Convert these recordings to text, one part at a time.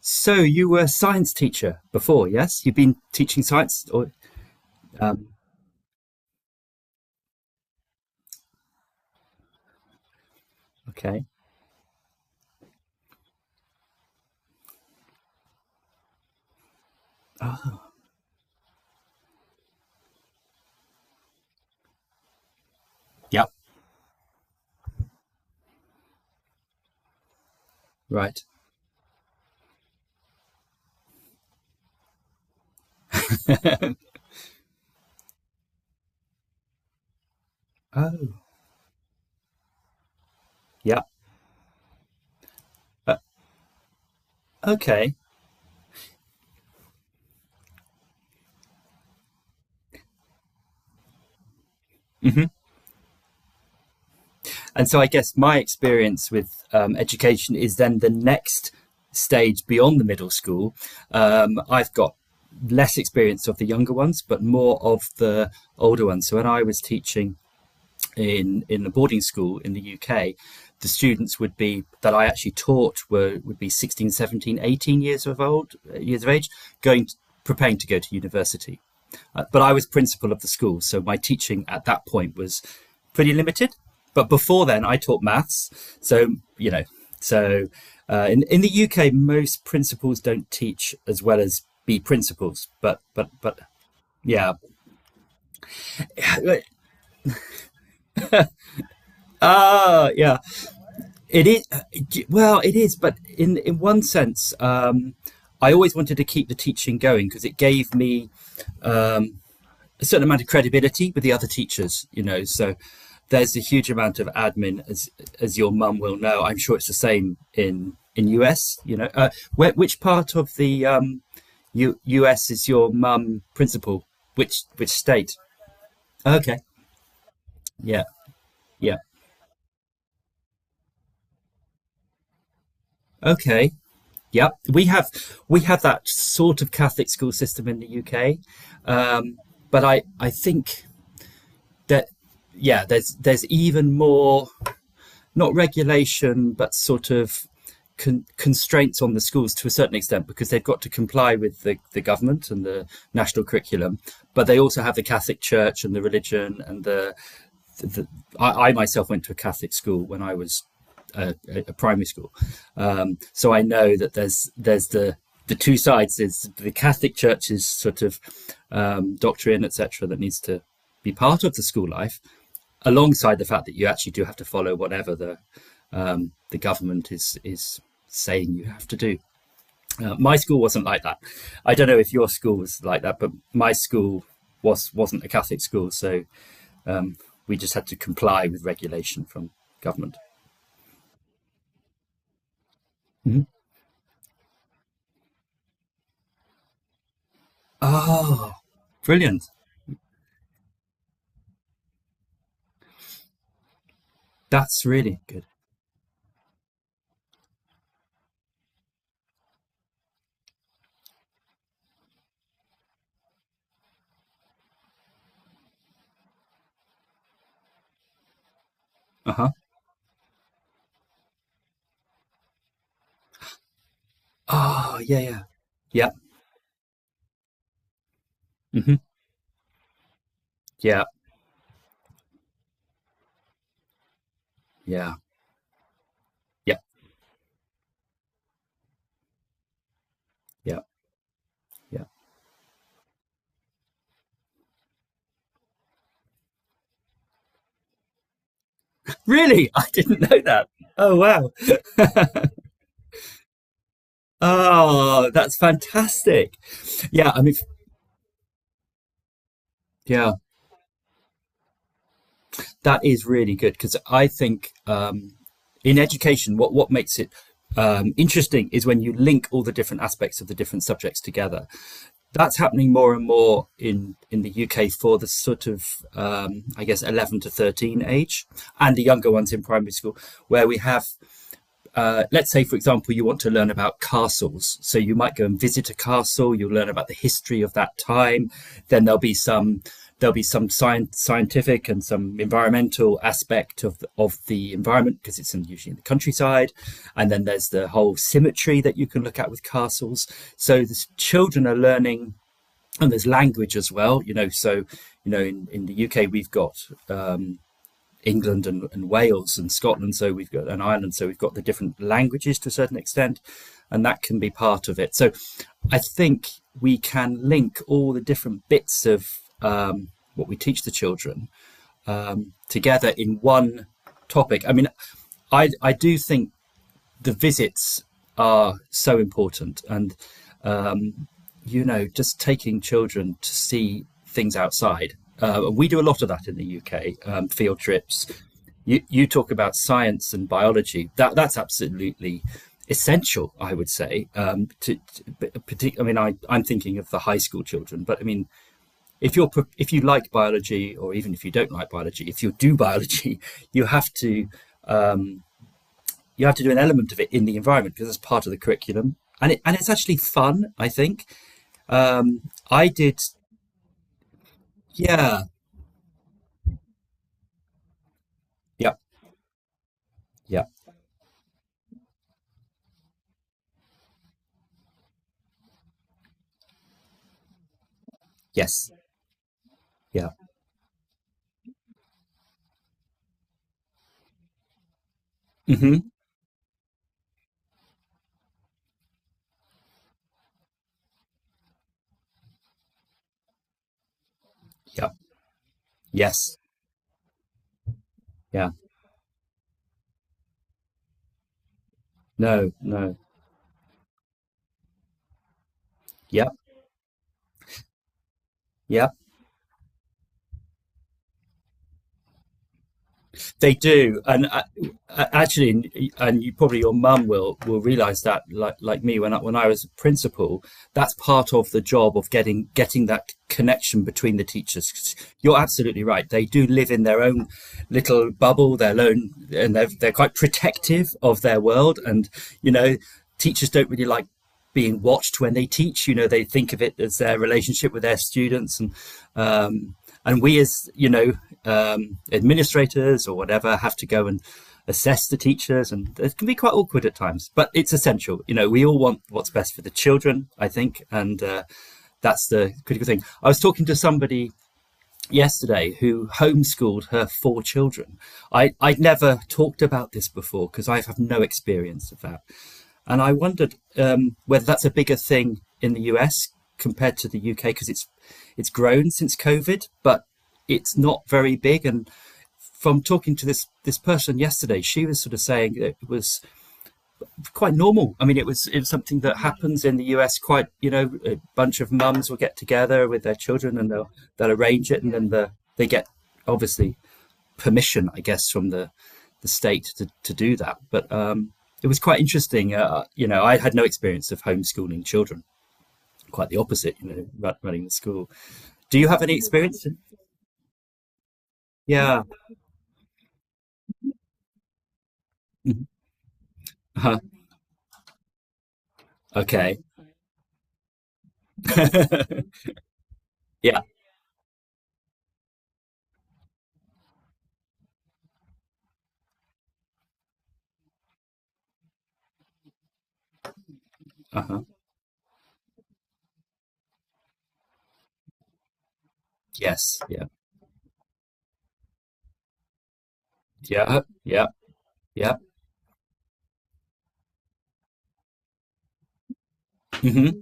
So you were a science teacher before, yes? You've been teaching science, or um, okay. Yep. Right? Oh, yeah, uh, okay. And so I guess my experience with education is then the next stage beyond the middle school. I've got less experience of the younger ones, but more of the older ones. So when I was teaching in a boarding school in the UK, the students would be that I actually taught were would be 16, 17, 18 years of age, going to, preparing to go to university. But I was principal of the school, so my teaching at that point was pretty limited. But before then, I taught maths, so you know, so in the UK, most principals don't teach as well as be principals, but. Yeah, ah, yeah. It is, well, it is, but in one sense, I always wanted to keep the teaching going because it gave me um, a certain amount of credibility with the other teachers. So there's a huge amount of admin, as your mum will know. I'm sure it's the same in US. Where, which part of the US is your mum principal? Which state? Okay, yeah, yeah, okay. Yep, we have that sort of Catholic school system in the UK, um, but I think that, yeah, there's even more, not regulation but sort of constraints on the schools to a certain extent because they've got to comply with the government and the national curriculum, but they also have the Catholic Church and the religion and the. I myself went to a Catholic school when I was a primary school, so I know that there's the two sides. There's the Catholic Church's sort of doctrine, etc., that needs to be part of the school life, alongside the fact that you actually do have to follow whatever the government is saying you have to do. My school wasn't like that. I don't know if your school was like that, but my school wasn't a Catholic school, so we just had to comply with regulation from government. Oh, brilliant. That's really good. Uh huh. Oh, yeah, yeah. Yeah. Mm-hmm. Yeah. Yeah. Yeah. Yeah. Yeah. Really? I didn't know that. Oh, wow. Oh, that's fantastic. Yeah. I mean, yeah. That is really good because I think in education, what makes it interesting is when you link all the different aspects of the different subjects together. That's happening more and more in the UK for the sort of, I guess, 11 to 13 age and the younger ones in primary school, where we have let's say, for example, you want to learn about castles. So you might go and visit a castle. You'll learn about the history of that time. Then there'll be some scientific and some environmental aspect of the environment because it's usually in the countryside. And then there's the whole symmetry that you can look at with castles. So the children are learning, and there's language as well. So in the UK we've got England and Wales and Scotland, so we've got an Ireland, so we've got the different languages to a certain extent, and that can be part of it. So I think we can link all the different bits of um, what we teach the children together in one topic. I mean, I do think the visits are so important, and just taking children to see things outside. We do a lot of that in the UK, field trips. You talk about science and biology. That's absolutely essential, I would say. To, I mean, I'm thinking of the high school children, but I mean, if you're if you like biology, or even if you don't like biology, if you do biology, you have to um, do an element of it in the environment because it's part of the curriculum, and it's actually fun, I think. Um, I did. Yeah. Yeah. Yeah. Yes. Yeah. Mm-hmm. Yeah. Yes. Yeah. No. No. Yeah. Yeah. They do, and actually, and you probably your mum will realise that, like me, when I was a principal, that's part of the job of getting that connection between the teachers. You're absolutely right; they do live in their own little bubble, their own, and they're quite protective of their world, and you know, teachers don't really like being watched when they teach. They think of it as their relationship with their students, and um, we, as you know, administrators or whatever have to go and assess the teachers, and it can be quite awkward at times. But it's essential. We all want what's best for the children, I think, and that's the critical thing. I was talking to somebody yesterday who homeschooled her four children. I'd never talked about this before because I have no experience of that. And I wondered whether that's a bigger thing in the US compared to the UK because it's grown since COVID, but it's not very big. And from talking to this person yesterday, she was sort of saying it was quite normal. I mean, it was something that happens in the US. Quite, a bunch of mums will get together with their children and they'll arrange it, and then they get obviously permission, I guess, from the state to do that. But it was quite interesting. I had no experience of homeschooling children. Quite the opposite, running the school. Do you have any experience? Yeah. Uh-huh. Okay. Yeah. Uh huh. Yes. Yeah. Yeah. Yeah. Yeah. Hmm.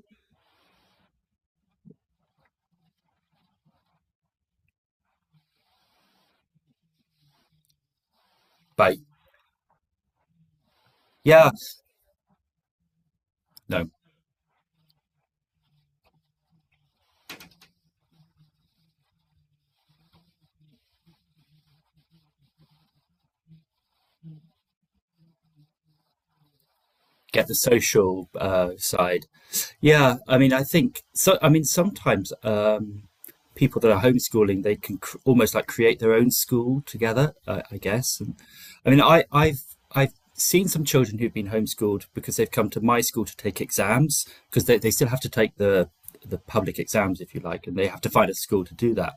Bye. Yeah. No. Get the social side. Yeah, I mean, I think so. I mean, sometimes people that are homeschooling they can almost like create their own school together. I guess. And, I mean, I've seen some children who've been homeschooled because they've come to my school to take exams because they still have to take the public exams if you like, and they have to find a school to do that,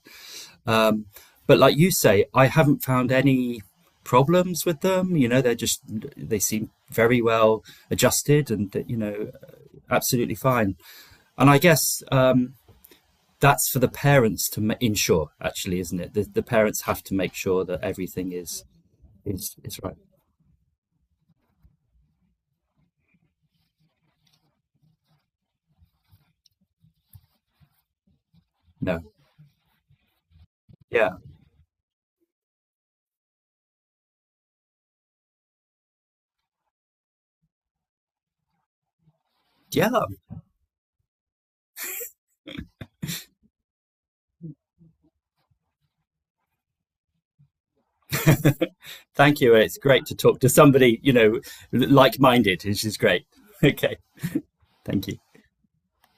um, but like you say, I haven't found any problems with them. They seem very well adjusted and absolutely fine. And I guess that's for the parents to ensure, actually, isn't it? The parents have to make sure that everything is right. No. Yeah. Yeah. Thank you. It's great to talk to somebody, like minded, which is great. Okay. Thank you.